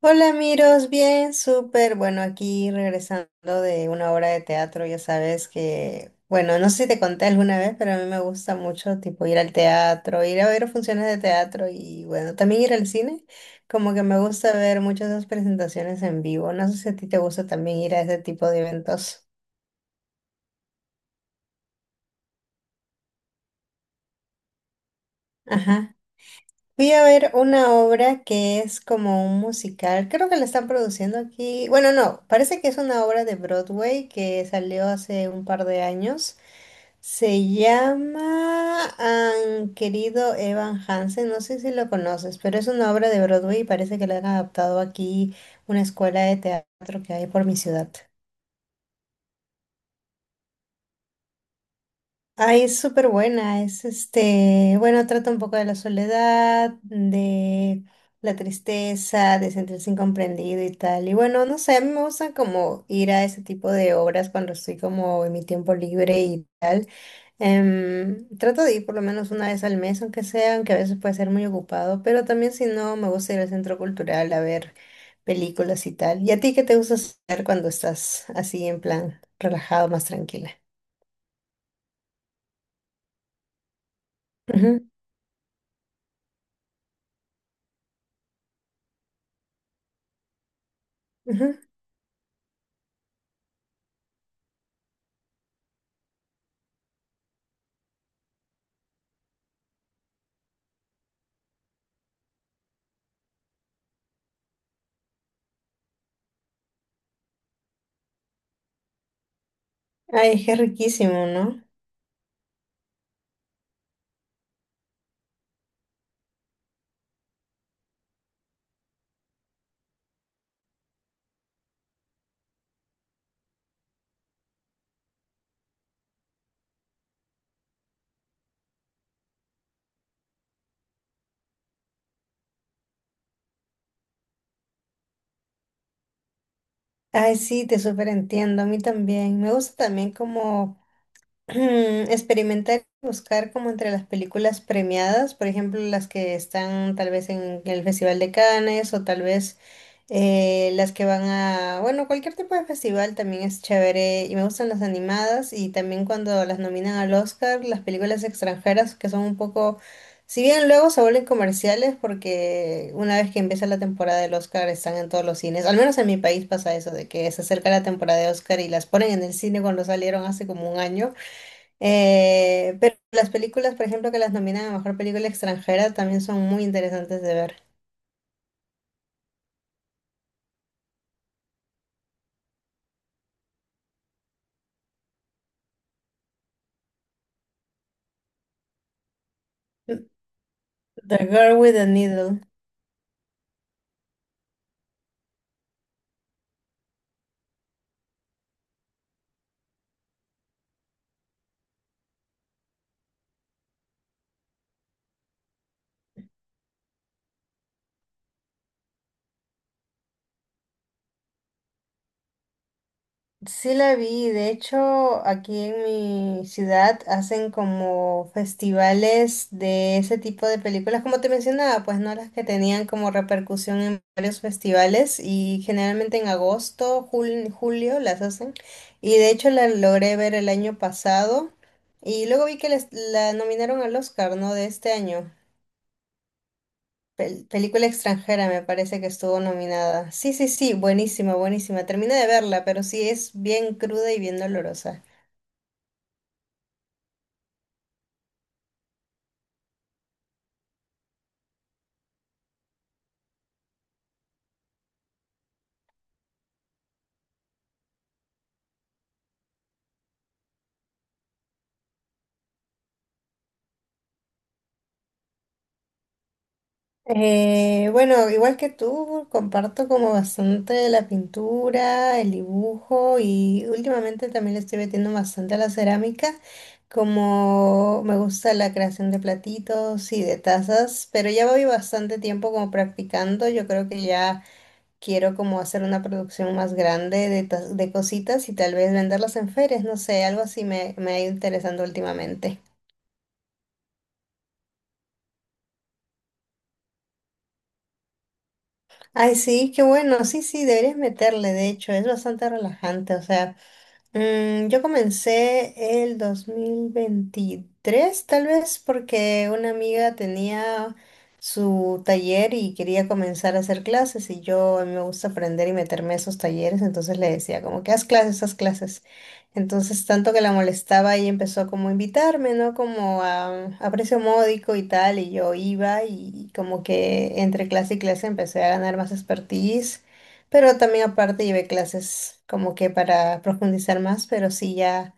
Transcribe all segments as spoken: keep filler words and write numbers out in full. Hola, Miros, bien, súper. Bueno, aquí regresando de una obra de teatro, ya sabes que, bueno, no sé si te conté alguna vez, pero a mí me gusta mucho, tipo, ir al teatro, ir a ver funciones de teatro y, bueno, también ir al cine. Como que me gusta ver muchas de esas presentaciones en vivo. No sé si a ti te gusta también ir a ese tipo de eventos. Ajá. Fui a ver una obra que es como un musical, creo que la están produciendo aquí. Bueno, no, parece que es una obra de Broadway que salió hace un par de años. Se llama Han querido Evan Hansen, no sé si lo conoces, pero es una obra de Broadway y parece que la han adaptado aquí una escuela de teatro que hay por mi ciudad. Ay, es súper buena, es este, bueno, trata un poco de la soledad, de la tristeza, de sentirse incomprendido y tal. Y bueno, no sé, a mí me gusta como ir a ese tipo de obras cuando estoy como en mi tiempo libre y tal. Em, trato de ir por lo menos una vez al mes, aunque sea, aunque a veces puede ser muy ocupado, pero también si no, me gusta ir al centro cultural a ver películas y tal. ¿Y a ti qué te gusta hacer cuando estás así en plan relajado, más tranquila? Ujú, ujú. Ay, es riquísimo, ¿no? Ay, sí, te súper entiendo, a mí también. Me gusta también como experimentar y buscar como entre las películas premiadas, por ejemplo, las que están tal vez en el Festival de Cannes o tal vez eh, las que van a, bueno, cualquier tipo de festival también es chévere y me gustan las animadas y también cuando las nominan al Oscar, las películas extranjeras que son un poco, si bien luego se vuelven comerciales porque una vez que empieza la temporada del Oscar están en todos los cines, al menos en mi país pasa eso, de que se acerca la temporada de Oscar y las ponen en el cine cuando salieron hace como un año. Eh, pero las películas, por ejemplo, que las nominan a mejor película extranjera también son muy interesantes de ver. The Girl with the Needle. Sí la vi, de hecho, aquí en mi ciudad hacen como festivales de ese tipo de películas, como te mencionaba, pues no las que tenían como repercusión en varios festivales y generalmente en agosto, jul- julio las hacen. Y de hecho la logré ver el año pasado y luego vi que les- la nominaron al Oscar, ¿no? De este año. Pel- película extranjera me parece que estuvo nominada. Sí, sí, sí, buenísima, buenísima. Terminé de verla, pero sí es bien cruda y bien dolorosa. Eh, bueno, igual que tú, comparto como bastante la pintura, el dibujo y últimamente también le estoy metiendo bastante a la cerámica, como me gusta la creación de platitos y de tazas, pero ya voy bastante tiempo como practicando, yo creo que ya... quiero como hacer una producción más grande de, tas- de cositas y tal vez venderlas en ferias, no sé, algo así me, me ha ido interesando últimamente. Ay, sí, qué bueno, sí, sí, deberías meterle, de hecho, es bastante relajante, o sea. Mm, yo comencé el dos mil veintitrés, tal vez porque una amiga tenía su taller y quería comenzar a hacer clases y yo a mí me gusta aprender y meterme a esos talleres, entonces le decía como que haz clases, haz clases. Entonces tanto que la molestaba y empezó como a invitarme, ¿no? Como a, a precio módico y tal, y yo iba y como que entre clase y clase empecé a ganar más expertise, pero también aparte llevé clases como que para profundizar más, pero sí ya,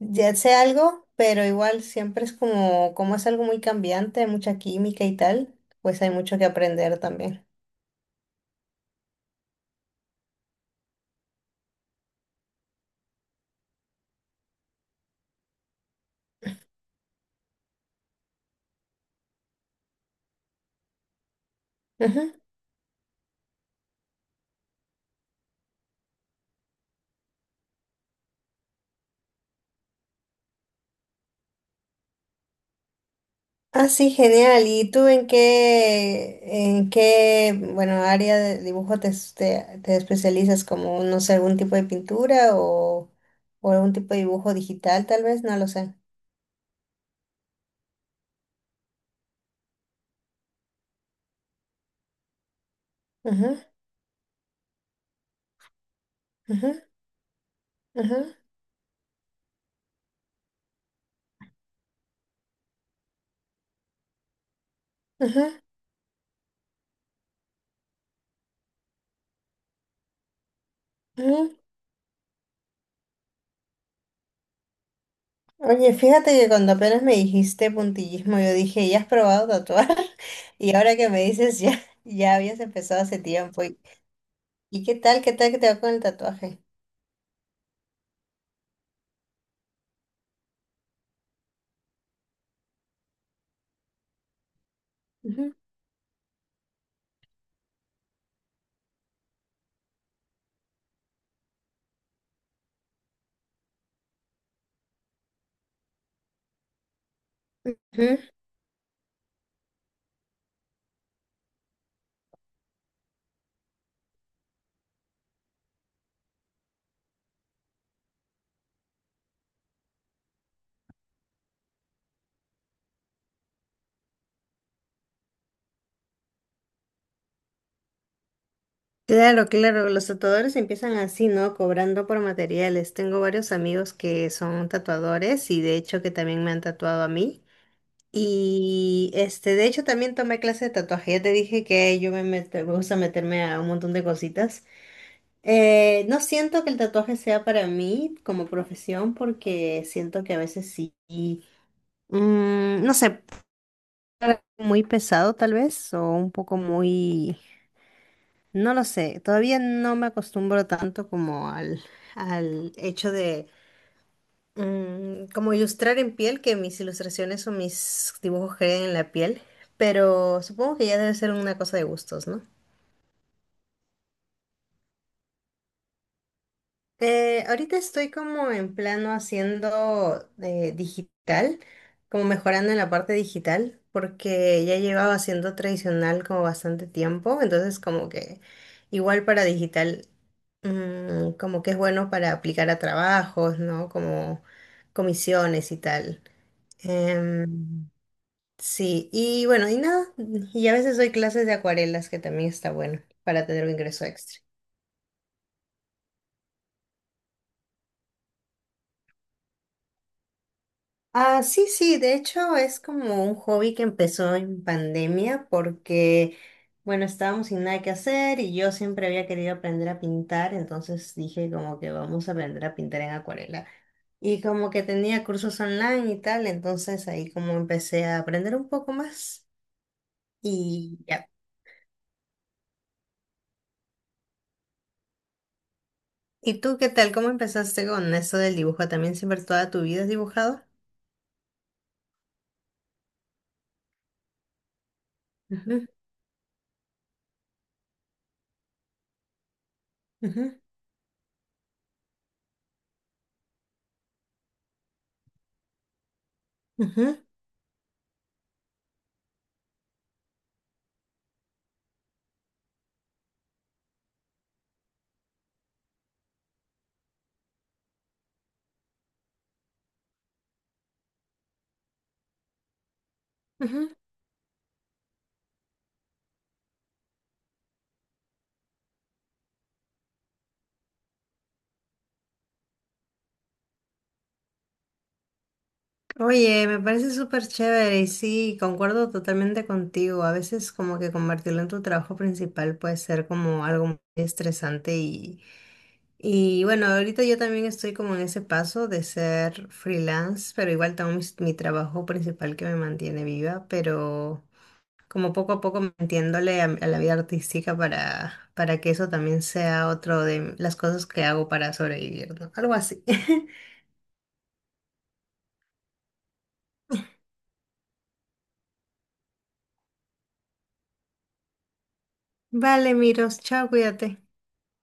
ya sé algo, pero igual siempre es como, como es algo muy cambiante, mucha química y tal, pues hay mucho que aprender también. Ujú. Ah, sí, genial. ¿Y tú en qué, en qué, bueno, área de dibujo te, es- te, te especializas? Como, no sé, algún tipo de pintura o, o algún tipo de dibujo digital, tal vez, no lo sé. Ujú, ujú, ujú, ujú, ujú. Oye, fíjate que cuando apenas me dijiste puntillismo, yo dije, ¿ya has probado tatuar? Y ahora que me dices, ya, ya habías empezado hace tiempo. ¿Y, y qué tal, qué tal que te va con el tatuaje? Ujú, ujú. Claro, claro, los tatuadores empiezan así, ¿no? Cobrando por materiales. Tengo varios amigos que son tatuadores y de hecho que también me han tatuado a mí. Y este, de hecho también tomé clase de tatuaje. Ya te dije que yo me, meto- me gusta meterme a un montón de cositas. Eh, no siento que el tatuaje sea para mí como profesión porque siento que a veces sí, sí, mm, no sé, muy pesado tal vez o un poco muy, no lo sé, todavía no me acostumbro tanto como al, al hecho de mm, como ilustrar en piel, que mis ilustraciones o mis dibujos queden en la piel, pero supongo que ya debe ser una cosa de gustos, ¿no? Eh, ahorita estoy como en plano haciendo eh, digital, como mejorando en la parte digital, porque ya llevaba haciendo tradicional como bastante tiempo, entonces como que igual para digital, mm, como que es bueno para aplicar a trabajos, ¿no? Como comisiones y tal. Em, sí, y bueno, y nada, y a veces doy clases de acuarelas, que también está bueno para tener un ingreso extra. Ah, sí, sí, de hecho es como un hobby que empezó en pandemia porque, bueno, estábamos sin nada que hacer y yo siempre había querido aprender a pintar, entonces dije como que vamos a aprender a pintar en acuarela. Y como que tenía cursos online y tal, entonces ahí como empecé a aprender un poco más y ya. ¿Y tú qué tal? ¿Cómo empezaste con eso del dibujo? ¿También siempre toda tu vida has dibujado? Ujú, ujú, ujú, ujú. Oye, me parece súper chévere y sí, concuerdo totalmente contigo. A veces como que convertirlo en tu trabajo principal puede ser como algo muy estresante y, y bueno, ahorita yo también estoy como en ese paso de ser freelance, pero igual tengo mis- mi, trabajo principal que me mantiene viva, pero como poco a poco metiéndole a, a la vida artística para, para que eso también sea otro de las cosas que hago para sobrevivir, ¿no? Algo así. Vale, Miros, chao, cuídate.